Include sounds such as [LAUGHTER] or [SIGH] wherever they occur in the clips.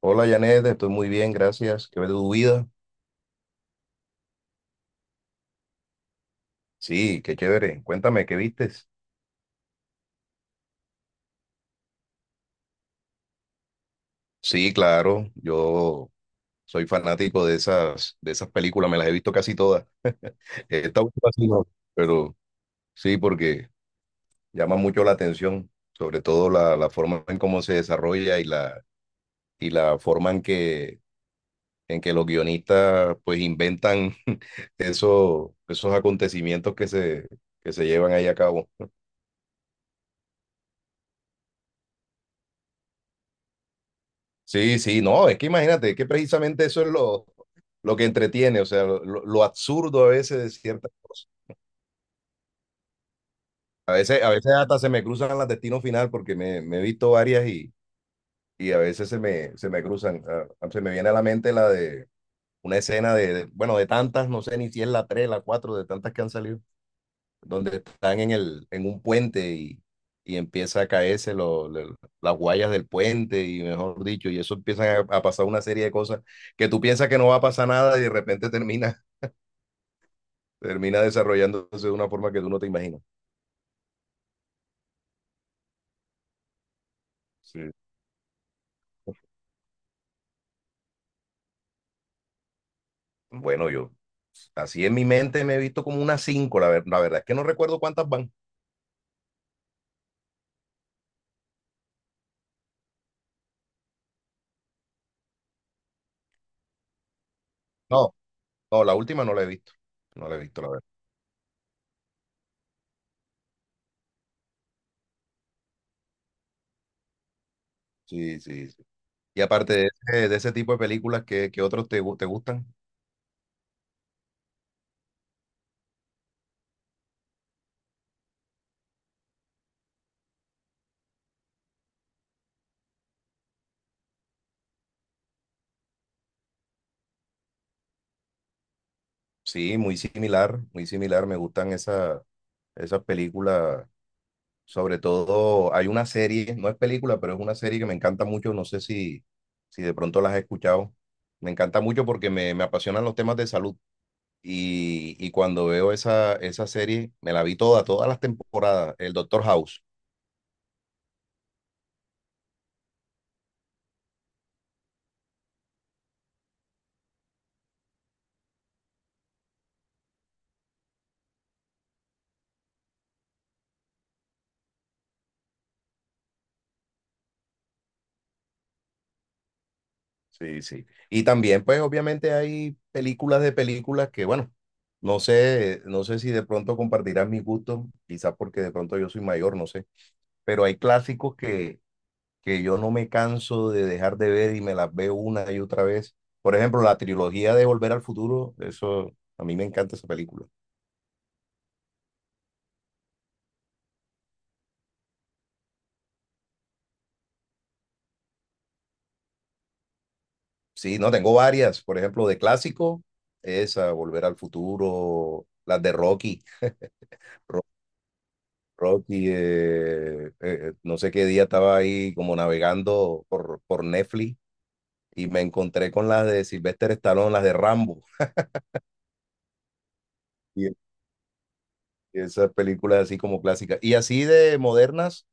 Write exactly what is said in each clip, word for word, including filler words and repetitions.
Hola Janet, estoy muy bien, gracias. ¿Qué ves de tu vida? Sí, qué chévere. Cuéntame, ¿qué vistes? Sí, claro, yo soy fanático de esas, de esas películas, me las he visto casi todas. [LAUGHS] Esta última sí no, pero sí, porque llama mucho la atención, sobre todo la, la forma en cómo se desarrolla y la, y la forma en que, en que los guionistas pues inventan [LAUGHS] eso, esos acontecimientos que se, que se llevan ahí a cabo. Sí, sí, no, es que imagínate que precisamente eso es lo, lo que entretiene, o sea, lo, lo absurdo a veces de ciertas cosas. A veces, a veces hasta se me cruzan las destino final porque me, me he visto varias y, y a veces se me, se me cruzan. Ah, ah, se me viene a la mente la de una escena de, de- bueno, de tantas, no sé ni si es la tres, la cuatro, de tantas que han salido. Donde están en el, en un puente y, y empieza a caerse lo- lo- las guayas del puente y mejor dicho, y eso empiezan a, a pasar una serie de cosas que tú piensas que no va a pasar nada y de repente termina, [LAUGHS] termina desarrollándose de una forma que tú no te imaginas. Sí. Bueno, yo así en mi mente me he visto como unas cinco, la, ver- la verdad es que no recuerdo cuántas van. No, no, la última no la he visto. No la he visto, la verdad. Sí, sí, sí. Y aparte de ese, de ese tipo de películas, ¿qué, qué otros te, gu- te gustan? Sí, muy similar, muy similar. Me gustan esas esas películas. Sobre todo, hay una serie, no es película, pero es una serie que me encanta mucho. No sé si, si de pronto las has escuchado. Me encanta mucho porque me, me apasionan los temas de salud. Y, y cuando veo esa, esa serie, me la vi toda, todas las temporadas, el Doctor House. Sí, sí. Y también, pues, obviamente hay películas de películas que, bueno, no sé, no sé si de pronto compartirás mi gusto, quizás porque de pronto yo soy mayor, no sé. Pero hay clásicos que, que yo no me canso de dejar de ver y me las veo una y otra vez. Por ejemplo, la trilogía de Volver al Futuro, eso, a mí me encanta esa película. Sí, no, tengo varias, por ejemplo, de clásico, esa, Volver al Futuro, las de Rocky. Ro- Rocky, eh, eh, no sé qué día estaba ahí como navegando por, por Netflix y me encontré con las de Sylvester Stallone, las de Rambo. Y esas películas así como clásicas. Y así de modernas,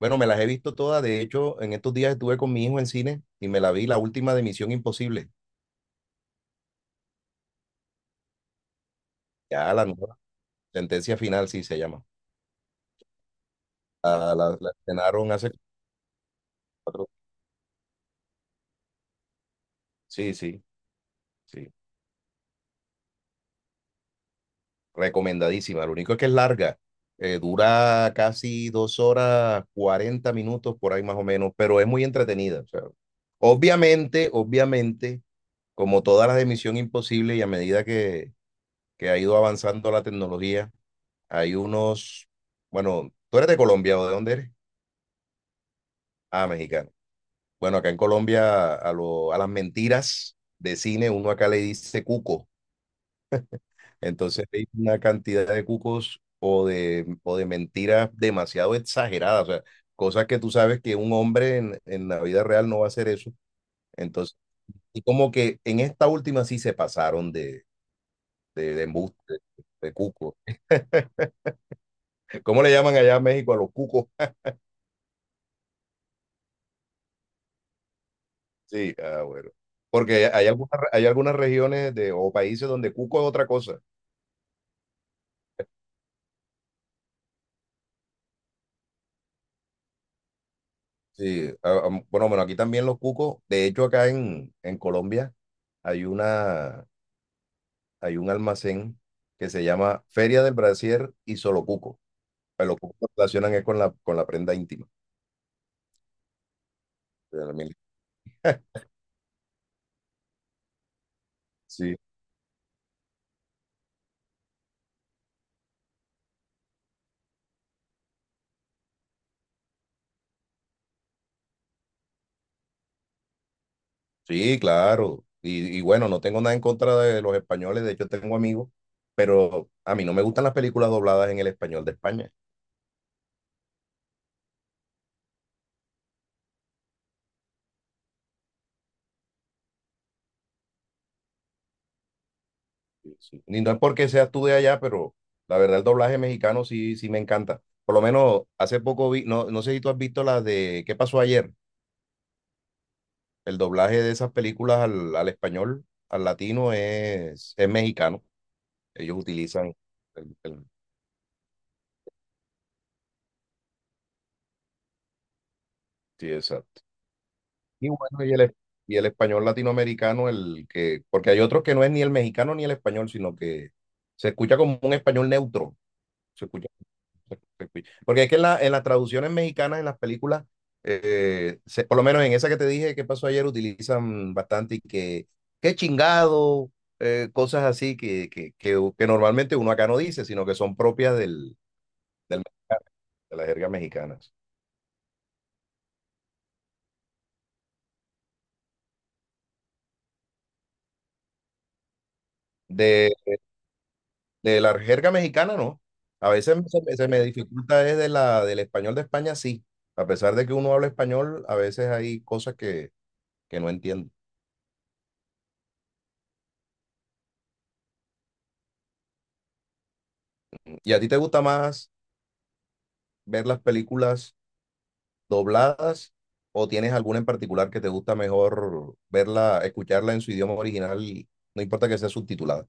bueno, me las he visto todas. De hecho, en estos días estuve con mi hijo en cine y me la vi la última de Misión Imposible. Ya la nueva sentencia final, sí se llama. La, la, la estrenaron hace cuatro. Sí, sí, sí. Recomendadísima. Lo único es que es larga. Eh, dura casi dos horas, cuarenta minutos por ahí más o menos, pero es muy entretenida. O sea, obviamente, obviamente, como todas las de Misión Imposible y a medida que, que ha ido avanzando la tecnología. Hay unos, bueno, ¿tú eres de Colombia o de dónde eres? Ah, mexicano. Bueno, acá en Colombia a, lo- a las mentiras de cine uno acá le dice cuco. Entonces hay una cantidad de cucos o de, o de mentiras demasiado exageradas, o sea, cosas que tú sabes que un hombre en, en la vida real no va a hacer eso. Entonces, y como que en esta última sí se pasaron de, de, de embuste, de cuco. ¿Cómo le llaman allá en México a los cucos? Sí, ah, bueno. Porque hay algunas, hay algunas regiones de, o países donde cuco es otra cosa. Sí, ah, ah, bueno, bueno, aquí también los cucos. De hecho, acá en, en Colombia hay una, hay un almacén que se llama Feria del Brasier y Solo Cuco. Pues los cucos lo relacionan es con la, con la prenda íntima. Sí, sí, claro. Y, y bueno, no tengo nada en contra de los españoles. De hecho, tengo amigos, pero a mí no me gustan las películas dobladas en el español de España. Sí. Y no es porque seas tú de allá, pero la verdad el doblaje mexicano sí, sí me encanta. Por lo menos hace poco vi, no, no sé si tú has visto las de ¿Qué pasó ayer? El doblaje de esas películas al, al español, al latino, es, es mexicano. Ellos utilizan el, el- sí, exacto. Y bueno, y el, es- y el español latinoamericano, el que, porque hay otros que no es ni el mexicano ni el español, sino que se escucha como un español neutro. Se escucha. Porque es que en, la, en las traducciones mexicanas, en las películas, eh, se- por lo menos en esa que te dije que pasó ayer, utilizan bastante y que, qué chingado, eh, cosas así que, que, que, que normalmente uno acá no dice, sino que son propias del, del mexicano, de las jergas mexicanas. De, de la jerga mexicana, no. A veces se, me se me dificulta es de la, del español de España, sí. A pesar de que uno habla español, a veces hay cosas que, que no entiendo. ¿Y a ti te gusta más ver las películas dobladas o tienes alguna en particular que te gusta mejor verla, escucharla en su idioma original y no importa que sea subtitulada?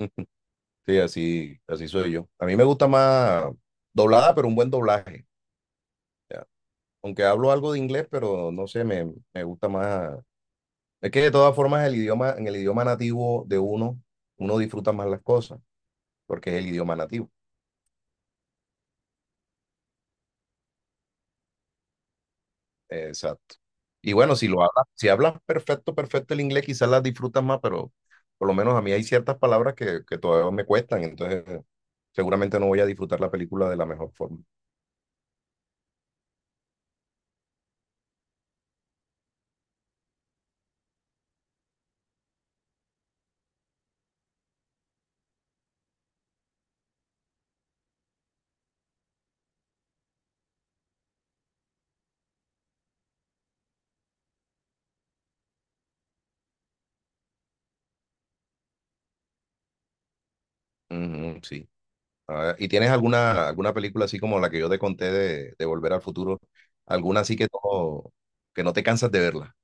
[LAUGHS] Sí, así, así soy yo. A mí me gusta más doblada, pero un buen doblaje. Ya. Aunque hablo algo de inglés, pero no sé, me, me gusta más. Es que de todas formas el idioma, en el idioma nativo de uno, uno disfruta más las cosas, porque es el idioma nativo. Exacto. Y bueno, si lo hablas, si hablas perfecto, perfecto el inglés, quizás las disfrutas más, pero por lo menos a mí hay ciertas palabras que, que todavía me cuestan, entonces eh, seguramente no voy a disfrutar la película de la mejor forma. Ujú, sí. A ver, ¿y tienes alguna, alguna película así como la que yo te conté de, de Volver al Futuro? ¿Alguna así que no, que no te cansas de verla?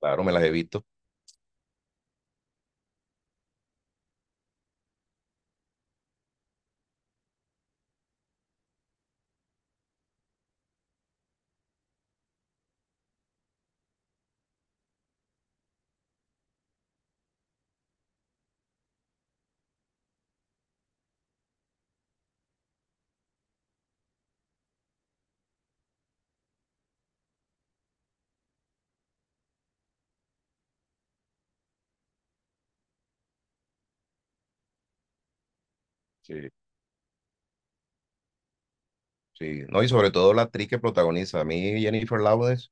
Claro, me las he visto. Sí, sí. No, y sobre todo la actriz que protagoniza. A mí Jennifer Lawrence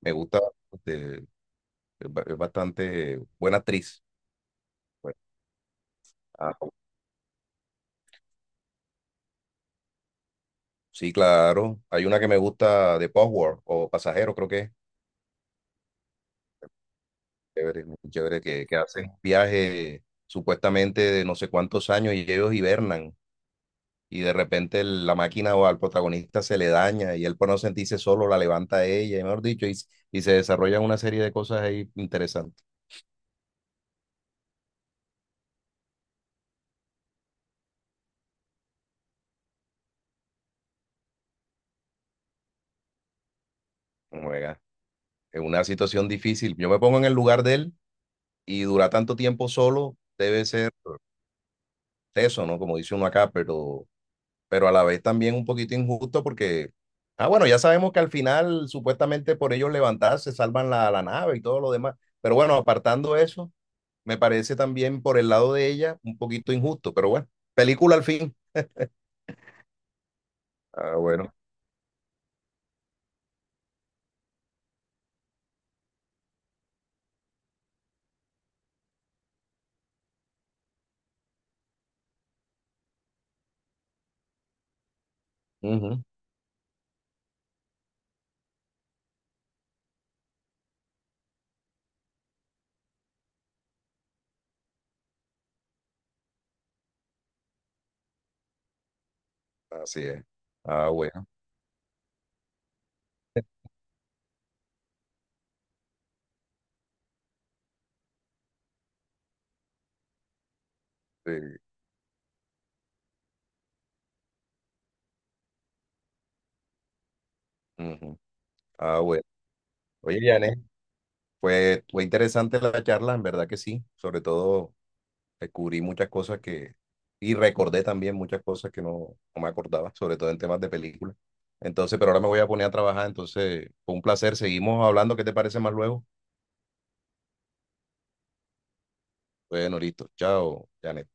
me gusta, este, es ba- es bastante buena actriz. Bueno, ah, sí, claro. Hay una que me gusta de Postworld o Pasajero, creo que es. Chévere, muy chévere, que, que hacen viaje supuestamente de no sé cuántos años y ellos hibernan. Y de repente el- la máquina o al protagonista se le daña y él por no sentirse solo la levanta a ella, y mejor dicho, y, s- y se desarrollan una serie de cosas ahí interesantes. Juega. Es una situación difícil. Yo me pongo en el lugar de él y durar tanto tiempo solo debe ser teso, ¿no? Como dice uno acá, pero pero a la vez también un poquito injusto porque, ah, bueno, ya sabemos que al final supuestamente por ellos levantarse salvan la, la nave y todo lo demás, pero bueno, apartando eso, me parece también por el lado de ella un poquito injusto, pero bueno, película al fin. Ah, bueno, ujú, así es. Ah, bueno, sí, ujú, ah, bueno. Oye, Janet, fue, fue interesante la charla, en verdad que sí, sobre todo descubrí muchas cosas que, y recordé también muchas cosas que no, no me acordaba, sobre todo en temas de películas. Entonces, pero ahora me voy a poner a trabajar, entonces fue un placer, seguimos hablando, ¿qué te parece más luego? Bueno, listo, chao, Janet.